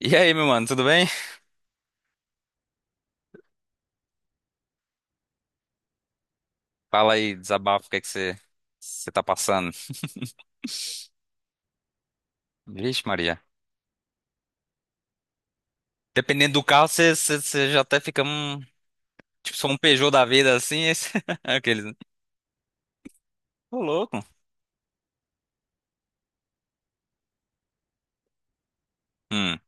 E aí, meu mano, tudo bem? Fala aí, desabafo, o que é que você tá passando? Vixe, Maria. Dependendo do carro, você já até fica um. Tipo, só um Peugeot da vida assim. Aqueles, né? Ô, louco. Hum,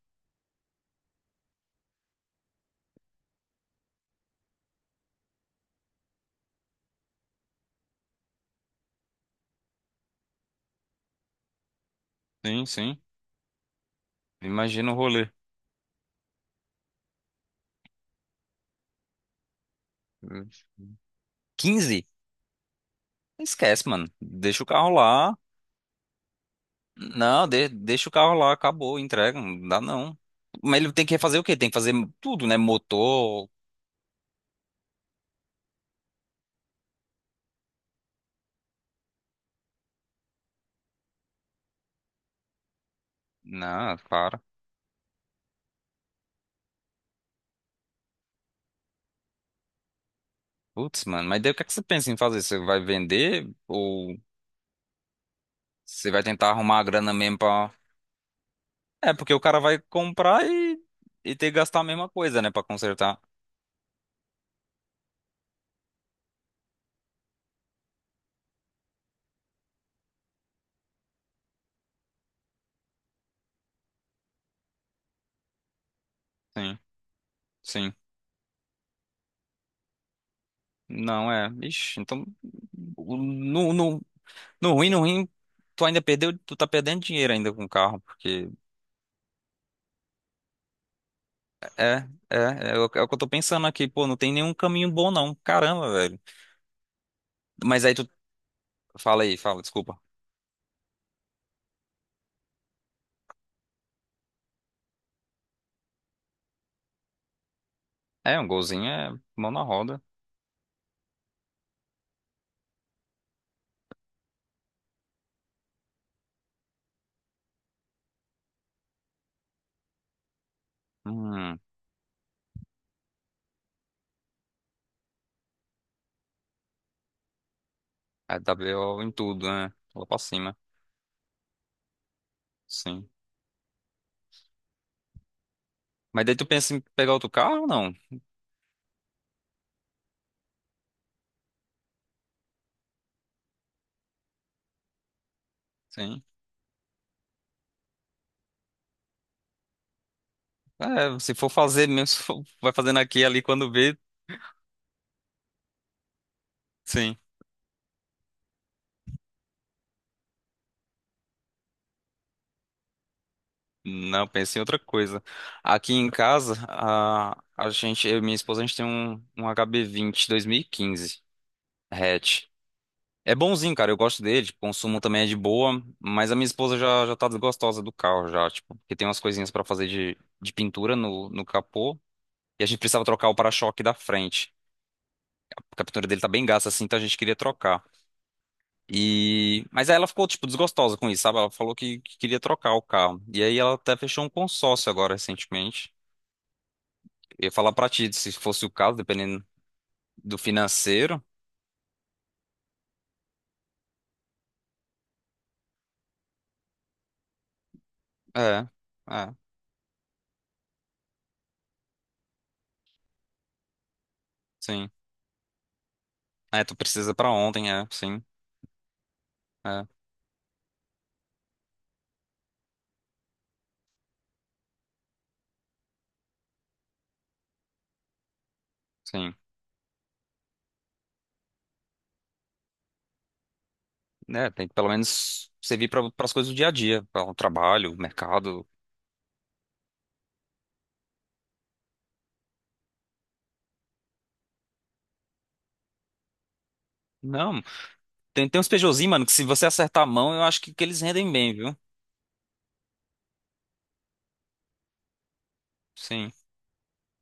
sim, sim. Imagina o rolê. Quinze. Esquece, mano. Deixa o carro lá. Não, deixa o carro lá, acabou, entrega. Não dá não. Mas ele tem que fazer o quê? Tem que fazer tudo, né? Motor. Não, para. Putz, mano, mas daí o que é que você pensa em fazer? Você vai vender ou. Você vai tentar arrumar a grana mesmo pra. É, porque o cara vai comprar e ter que gastar a mesma coisa, né, pra consertar. Sim, sim. Não é. Ixi, então. o- No, no, no ruim, no ruim, tu ainda perdeu, tu tá perdendo dinheiro ainda com o carro, porque. É, é, o é o que eu tô pensando aqui, pô, não tem nenhum caminho bom não. Caramba, velho. Mas aí tu. Fala aí, fala, desculpa. É, um golzinho é mão na roda. Hum, é WO em tudo, né? Lá pra cima. Sim. Mas daí tu pensa em pegar outro carro ou não? Sim. É, se for fazer mesmo, se for- vai fazendo aqui e ali quando vê, sim. Não, pensei em outra coisa. Aqui em casa, a gente, eu e minha esposa, a gente tem um, HB20 2015 hatch. É bonzinho, cara, eu gosto dele, tipo, o consumo também é de boa, mas a minha esposa já, já tá desgostosa do carro já, tipo, porque tem umas coisinhas pra fazer de pintura no capô, e a gente precisava trocar o para-choque da frente. A pintura dele tá bem gasta assim, então a gente queria trocar. Mas aí ela ficou, tipo, desgostosa com isso, sabe? Ela falou que queria trocar o carro. E aí ela até fechou um consórcio agora, recentemente. Eu ia falar pra ti, se fosse o caso, dependendo do financeiro. É, é, sim. É, tu precisa pra ontem, é, sim, é, sim. É, tem que pelo menos servir pra, pras coisas do dia a dia, para o trabalho, mercado. Não, tem, uns Peugeotzinhos, mano, que se você acertar a mão, eu acho que eles rendem bem, viu? Sim.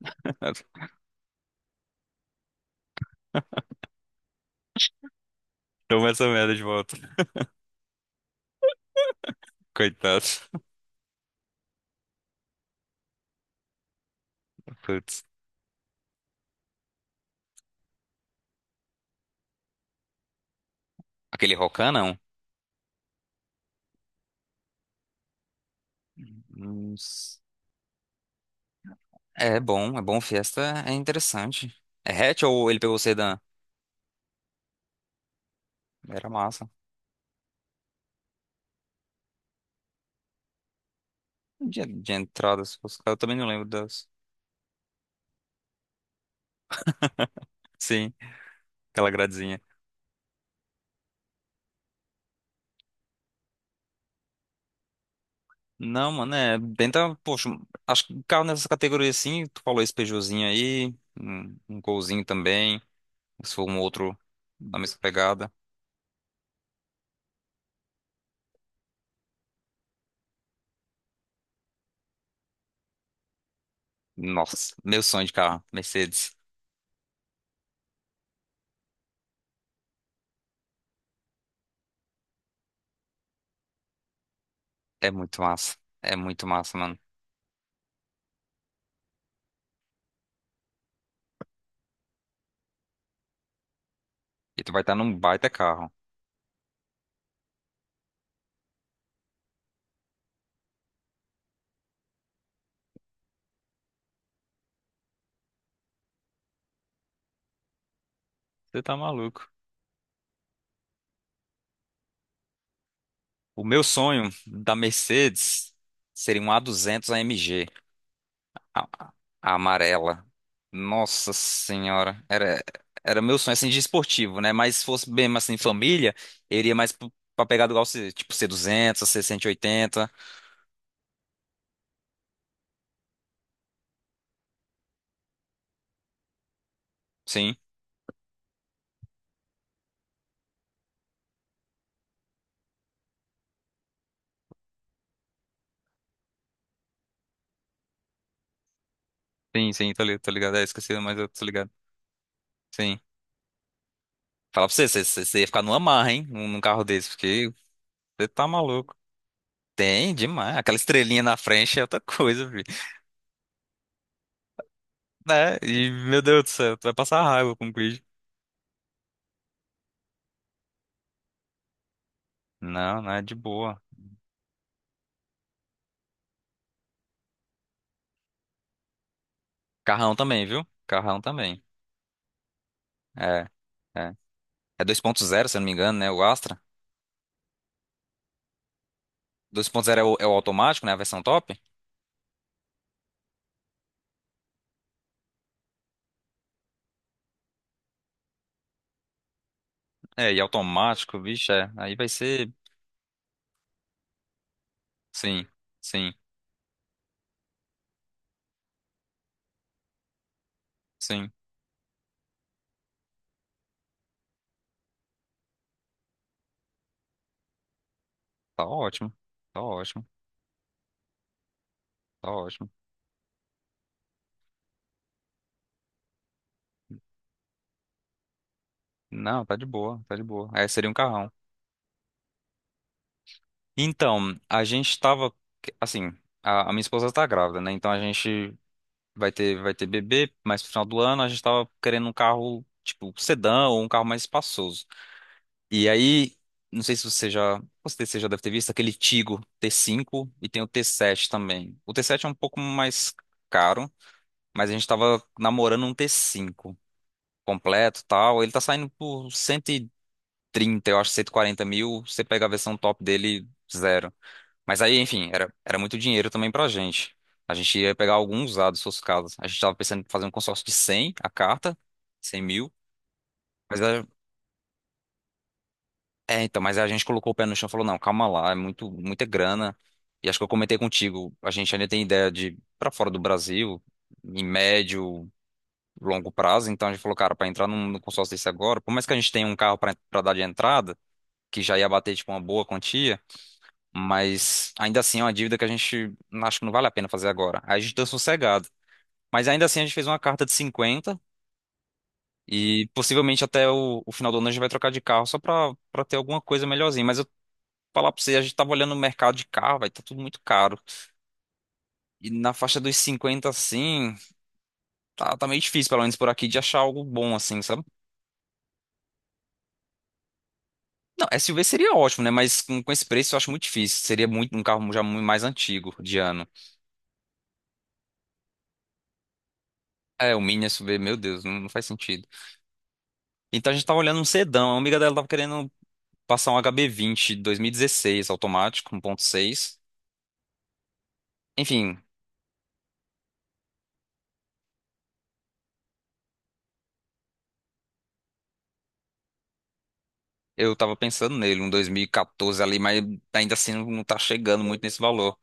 Toma essa merda de volta. Coitado. Putz. Aquele Rocan, não. Nossa. É bom, é bom. Fiesta é interessante. É hatch ou ele pegou o sedã? Era massa. De entrada, se fosse. Eu também não lembro das. Sim, aquela gradezinha. Não, mano, é. Tenta, poxa, acho que carro nessa categoria assim, tu falou esse Peugeotzinho aí, um, Golzinho também, se for um outro da mesma pegada. Nossa, meu sonho de carro, Mercedes. É muito massa. É muito massa, mano. E tu vai estar num baita carro. Você tá maluco. O meu sonho da Mercedes seria um A200 AMG, a, M G, a a amarela. Nossa senhora, era meu sonho assim de esportivo, né? Mas se fosse bem assim família, eu iria mais pra pegar do igual tipo C200, C180. Sim, sim, sim, tô ligado, tô ligado. É, esqueci, mas eu tô ligado. Sim. Fala pra você, você ia ficar numa marra, hein? Num carro desse, porque você tá maluco. Tem, demais. Aquela estrelinha na frente é outra coisa, filho. Né? E, meu Deus do céu, tu vai passar raiva com o Não, não é de boa. Carrão também, viu? Carrão também. É, é. É dois ponto zero, se eu não me engano, né? O Astra. 2.0 é o, automático, né? A versão top. É, e automático, bicho, é. Aí vai ser. Sim, sim, sim. Tá ótimo. Tá ótimo. Tá ótimo. Não, tá de boa, tá de boa. É, seria um carrão. Então, a gente tava. Assim, a minha esposa tá grávida, né? Então a gente vai ter bebê, mas no final do ano a gente tava querendo um carro, tipo, sedã ou um carro mais espaçoso. E aí, não sei se você já, com certeza você já deve ter visto aquele Tigo T5 e tem o T7 também. O T7 é um pouco mais caro, mas a gente tava namorando um T5 completo, e tal. Ele tá saindo por 130, eu acho, 140 mil. Você pega a versão top dele, zero. Mas aí, enfim, era muito dinheiro também pra gente. A gente ia pegar alguns usados, se fosse o caso. A gente tava pensando em fazer um consórcio de 100 a carta, 100 mil. Mas então, mas a gente colocou o pé no chão e falou, não, calma lá, é muito, muita grana. E acho que eu comentei contigo, a gente ainda tem ideia de ir pra fora do Brasil, em médio, longo prazo. Então a gente falou, cara, pra entrar num consórcio desse agora, por mais que a gente tenha um carro pra dar de entrada, que já ia bater, tipo, uma boa quantia, mas ainda assim é uma dívida que a gente acho que não vale a pena fazer agora. Aí a gente deu sossegado. Mas ainda assim a gente fez uma carta de 50 e possivelmente até o final do ano a gente vai trocar de carro só pra ter alguma coisa melhorzinha. Mas falar pra você, a gente tava olhando no mercado de carro, vai, tá tudo muito caro. E na faixa dos 50 assim, tá, tá meio difícil, pelo menos por aqui, de achar algo bom, assim, sabe? Não, SUV seria ótimo, né? Mas com esse preço eu acho muito difícil. Seria muito um carro já muito mais antigo de ano. É, o Mini SUV, meu Deus, não, não faz sentido. Então a gente tava olhando um sedã. A amiga dela tava querendo passar um hb e 2016 automático, 1.6. Enfim, eu tava pensando nele, um 2014 ali, mas ainda assim não tá chegando muito nesse valor.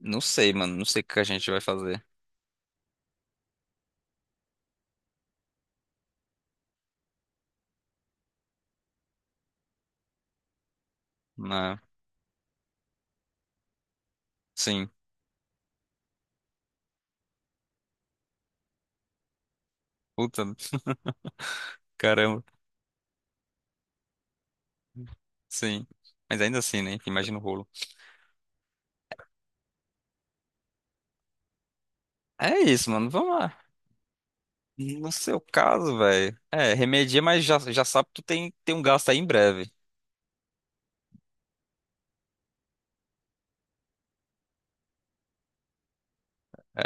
Não sei, mano. Não sei o que a gente vai fazer. Na, sim. Puta, caramba. Sim. Mas ainda assim, né? Imagina o rolo. É isso, mano. Vamos lá. No seu caso, velho. É, remedia, mas já, já sabe que tu tem um gasto aí em breve.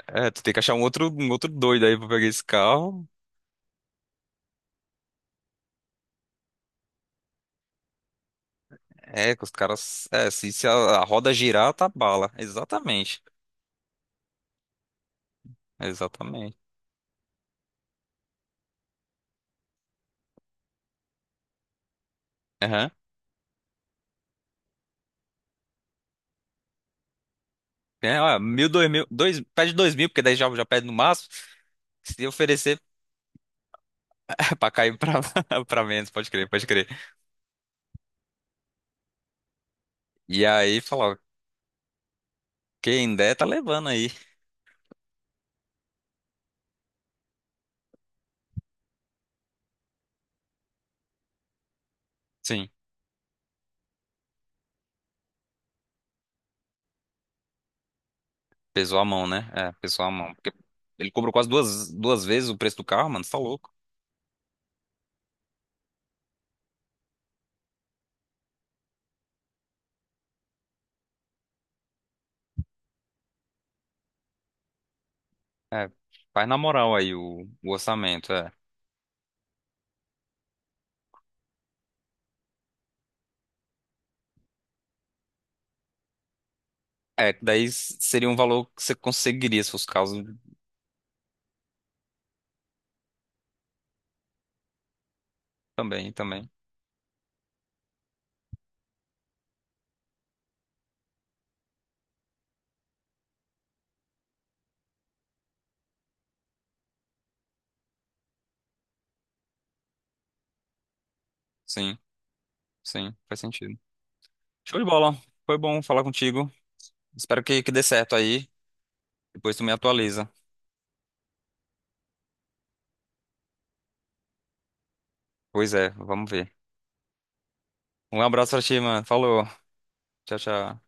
É, tu tem que achar um outro doido aí pra pegar esse carro. É, que os caras. É, se a roda girar, tá bala. Exatamente. Exatamente. Aham. É, ó, 1.000, 2.000. Dois, pede 2.000, porque daí já, já pede no máximo. Se oferecer. Pra cair pra, pra menos, pode crer, pode crer. E aí falou, quem der tá levando aí. Sim, pesou a mão, né? É, pesou a mão. Porque ele cobrou quase duas vezes o preço do carro, mano, você tá louco. É, faz na moral aí o orçamento, é. É, que daí seria um valor que você conseguiria se fosse o caso também, também. Sim, sim, faz sentido. Show de bola, foi bom falar contigo. Espero que dê certo aí. Depois tu me atualiza. Pois é, vamos ver. Um abraço pra ti, mano. Falou. Tchau, tchau.